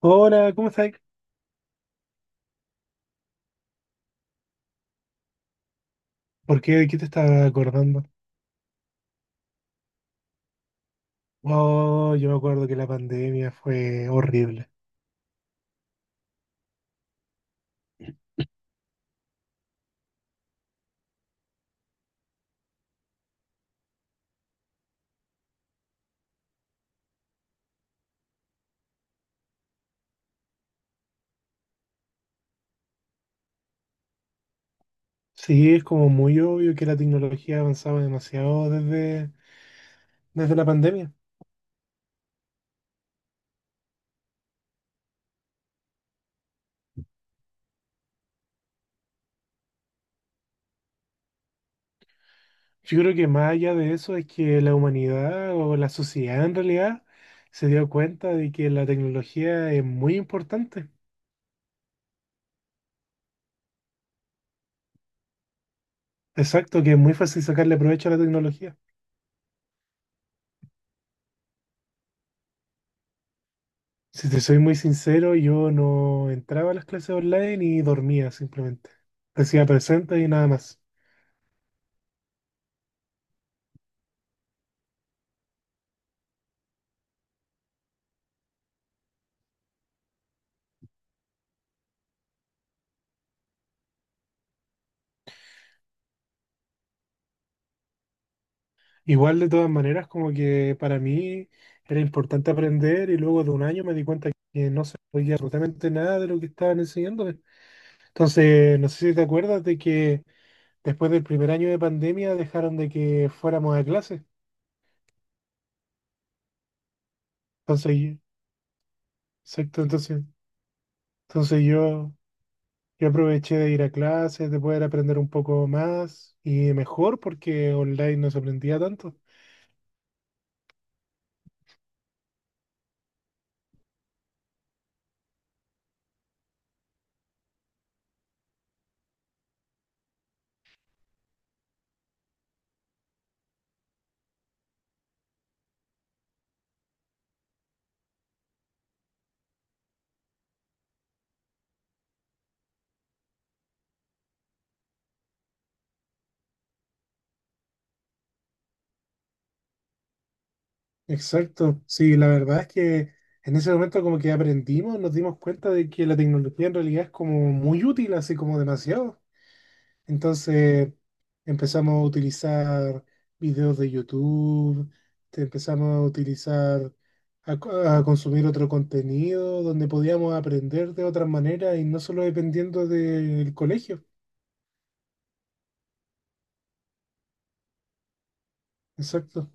Hola, ¿cómo estás? ¿Por qué? ¿De qué te estaba acordando? Oh, yo me acuerdo que la pandemia fue horrible. Sí, es como muy obvio que la tecnología avanzaba demasiado desde la pandemia. Yo creo que más allá de eso es que la humanidad o la sociedad en realidad se dio cuenta de que la tecnología es muy importante. Exacto, que es muy fácil sacarle provecho a la tecnología. Si te soy muy sincero, yo no entraba a las clases online y dormía simplemente. Decía presente y nada más. Igual de todas maneras, como que para mí era importante aprender y luego de un año me di cuenta que no sabía absolutamente nada de lo que estaban enseñándome. Entonces, no sé si te acuerdas de que después del primer año de pandemia dejaron de que fuéramos a clases. Entonces, exacto, entonces, entonces yo, yo aproveché de ir a clases, de poder aprender un poco más y mejor porque online no se aprendía tanto. Exacto, sí, la verdad es que en ese momento como que aprendimos, nos dimos cuenta de que la tecnología en realidad es como muy útil, así como demasiado. Entonces empezamos a utilizar videos de YouTube, te- empezamos a utilizar, a, co- a consumir otro contenido donde podíamos aprender de otras maneras y no solo dependiendo del colegio. Exacto,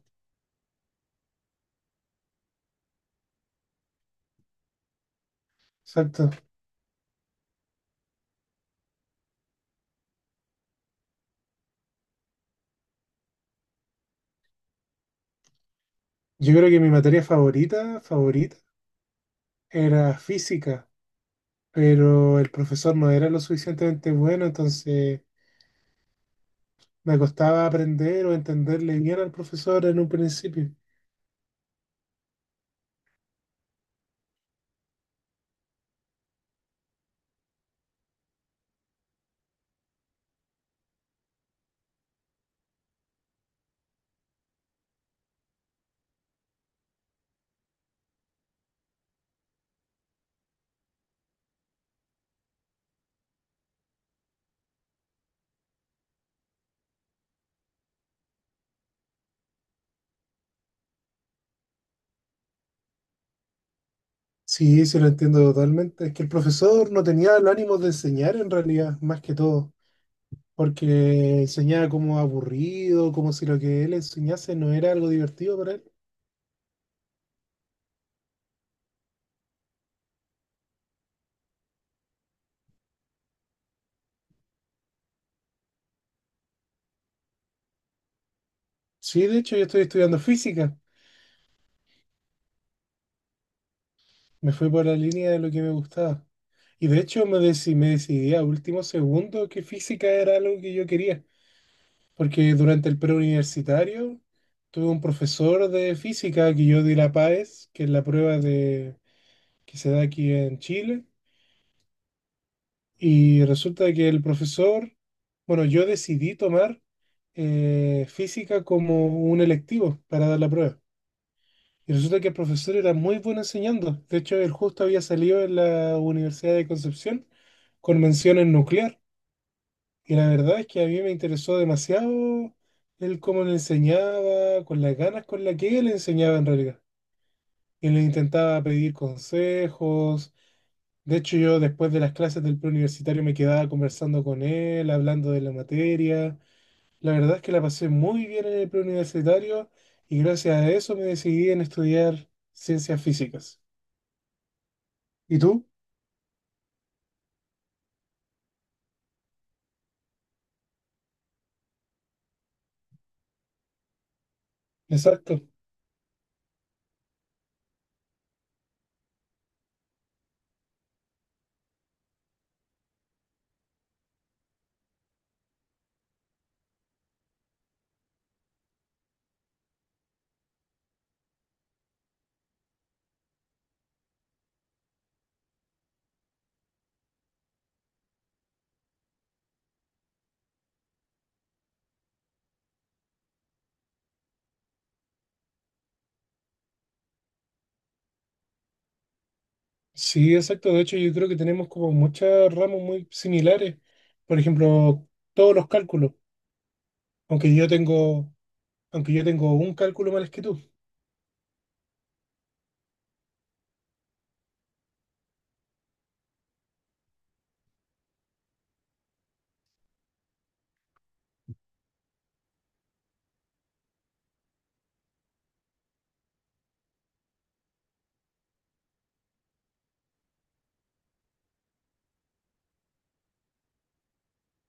exacto. Yo creo que mi materia favorita, era física, pero el profesor no era lo suficientemente bueno, entonces me costaba aprender o entenderle bien al profesor en un principio. Sí, se lo entiendo totalmente. Es que el profesor no tenía el ánimo de enseñar en realidad, más que todo, porque enseñaba como aburrido, como si lo que él enseñase no era algo divertido para él. Sí, de hecho yo estoy estudiando física, me fui por la línea de lo que me gustaba. Y de hecho me decidí a último segundo que física era algo que yo quería. Porque durante el preuniversitario tuve un profesor de física que yo di la PAES, que es la prueba que se da aquí en Chile, y resulta que el profesor, bueno, yo decidí tomar física como un electivo para dar la prueba. Y resulta que el profesor era muy bueno enseñando. De hecho, él justo había salido en la Universidad de Concepción con mención en nuclear. Y la verdad es que a mí me interesó demasiado el cómo le enseñaba, con las ganas con las que él enseñaba en realidad. Y le intentaba pedir consejos. De hecho, yo después de las clases del preuniversitario me quedaba conversando con él, hablando de la materia. La verdad es que la pasé muy bien en el preuniversitario y gracias a eso me decidí en estudiar ciencias físicas. ¿Y tú? Exacto. Sí, exacto. De hecho, yo creo que tenemos como muchas ramas muy similares. Por ejemplo, todos los cálculos. Aunque yo tengo, aunque yo tengo un cálculo más que tú.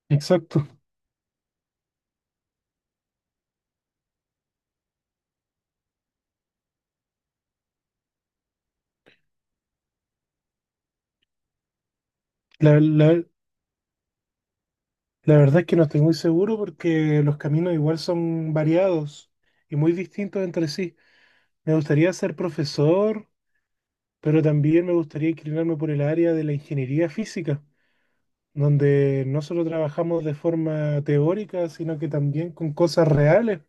Exacto. La, la- la verdad es que no estoy muy seguro porque los caminos igual son variados y muy distintos entre sí. Me gustaría ser profesor, pero también me gustaría inclinarme por el área de la ingeniería física, donde no solo trabajamos de forma teórica, sino que también con cosas reales.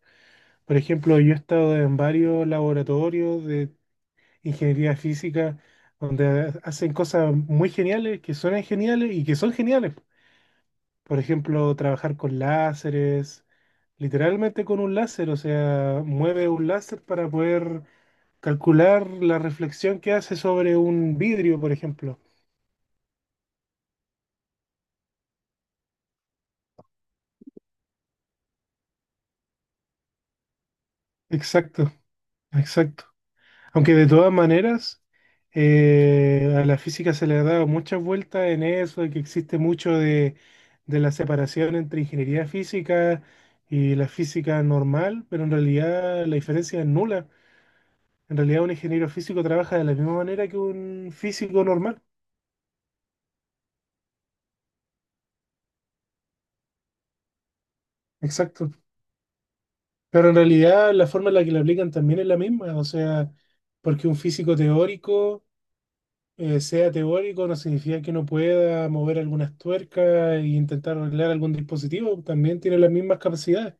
Por ejemplo, yo he estado en varios laboratorios de ingeniería física donde hacen cosas muy geniales, que suenan geniales y que son geniales. Por ejemplo, trabajar con láseres, literalmente con un láser, o sea, mueve un láser para poder calcular la reflexión que hace sobre un vidrio, por ejemplo. Exacto, exacto. Aunque de todas maneras, a la física se le ha dado muchas vueltas en eso, de que existe mucho de la separación entre ingeniería física y la física normal, pero en realidad la diferencia es nula. En realidad un ingeniero físico trabaja de la misma manera que un físico normal. Exacto. Pero en realidad la forma en la que la aplican también es la misma, o sea, porque un físico teórico... sea teórico no significa que no pueda mover algunas tuercas e intentar arreglar algún dispositivo, también tiene las mismas capacidades.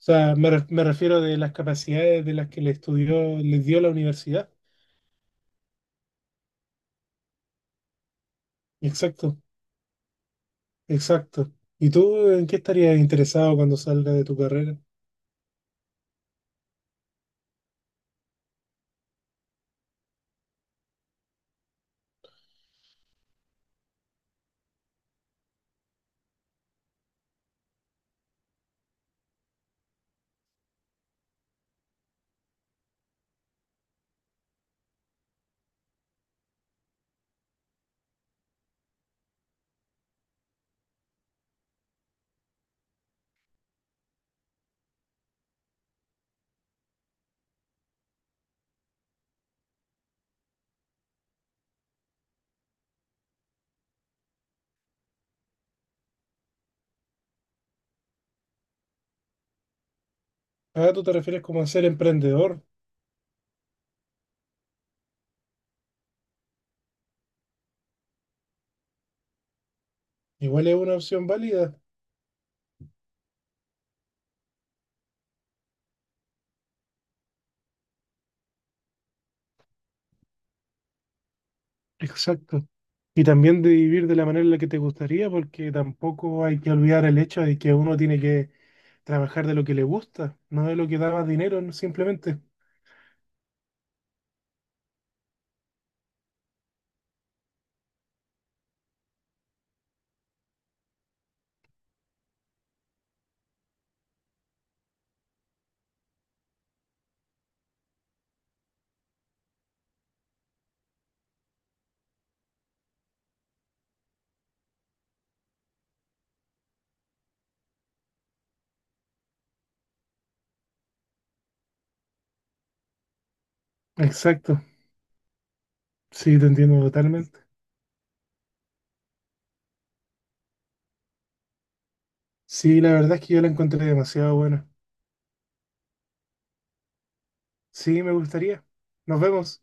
O sea, me refiero de las capacidades de las que le estudió, les dio la universidad. Exacto, exacto. ¿Y tú en qué estarías interesado cuando salgas de tu carrera? Ah, tú te refieres como a ser emprendedor. Igual es una opción válida. Exacto. Y también de vivir de la manera en la que te gustaría, porque tampoco hay que olvidar el hecho de que uno tiene que trabajar de lo que le gusta, no de lo que da más dinero, ¿no? Simplemente. Exacto. Sí, te entiendo totalmente. Sí, la verdad es que yo la encontré demasiado buena. Sí, me gustaría. Nos vemos.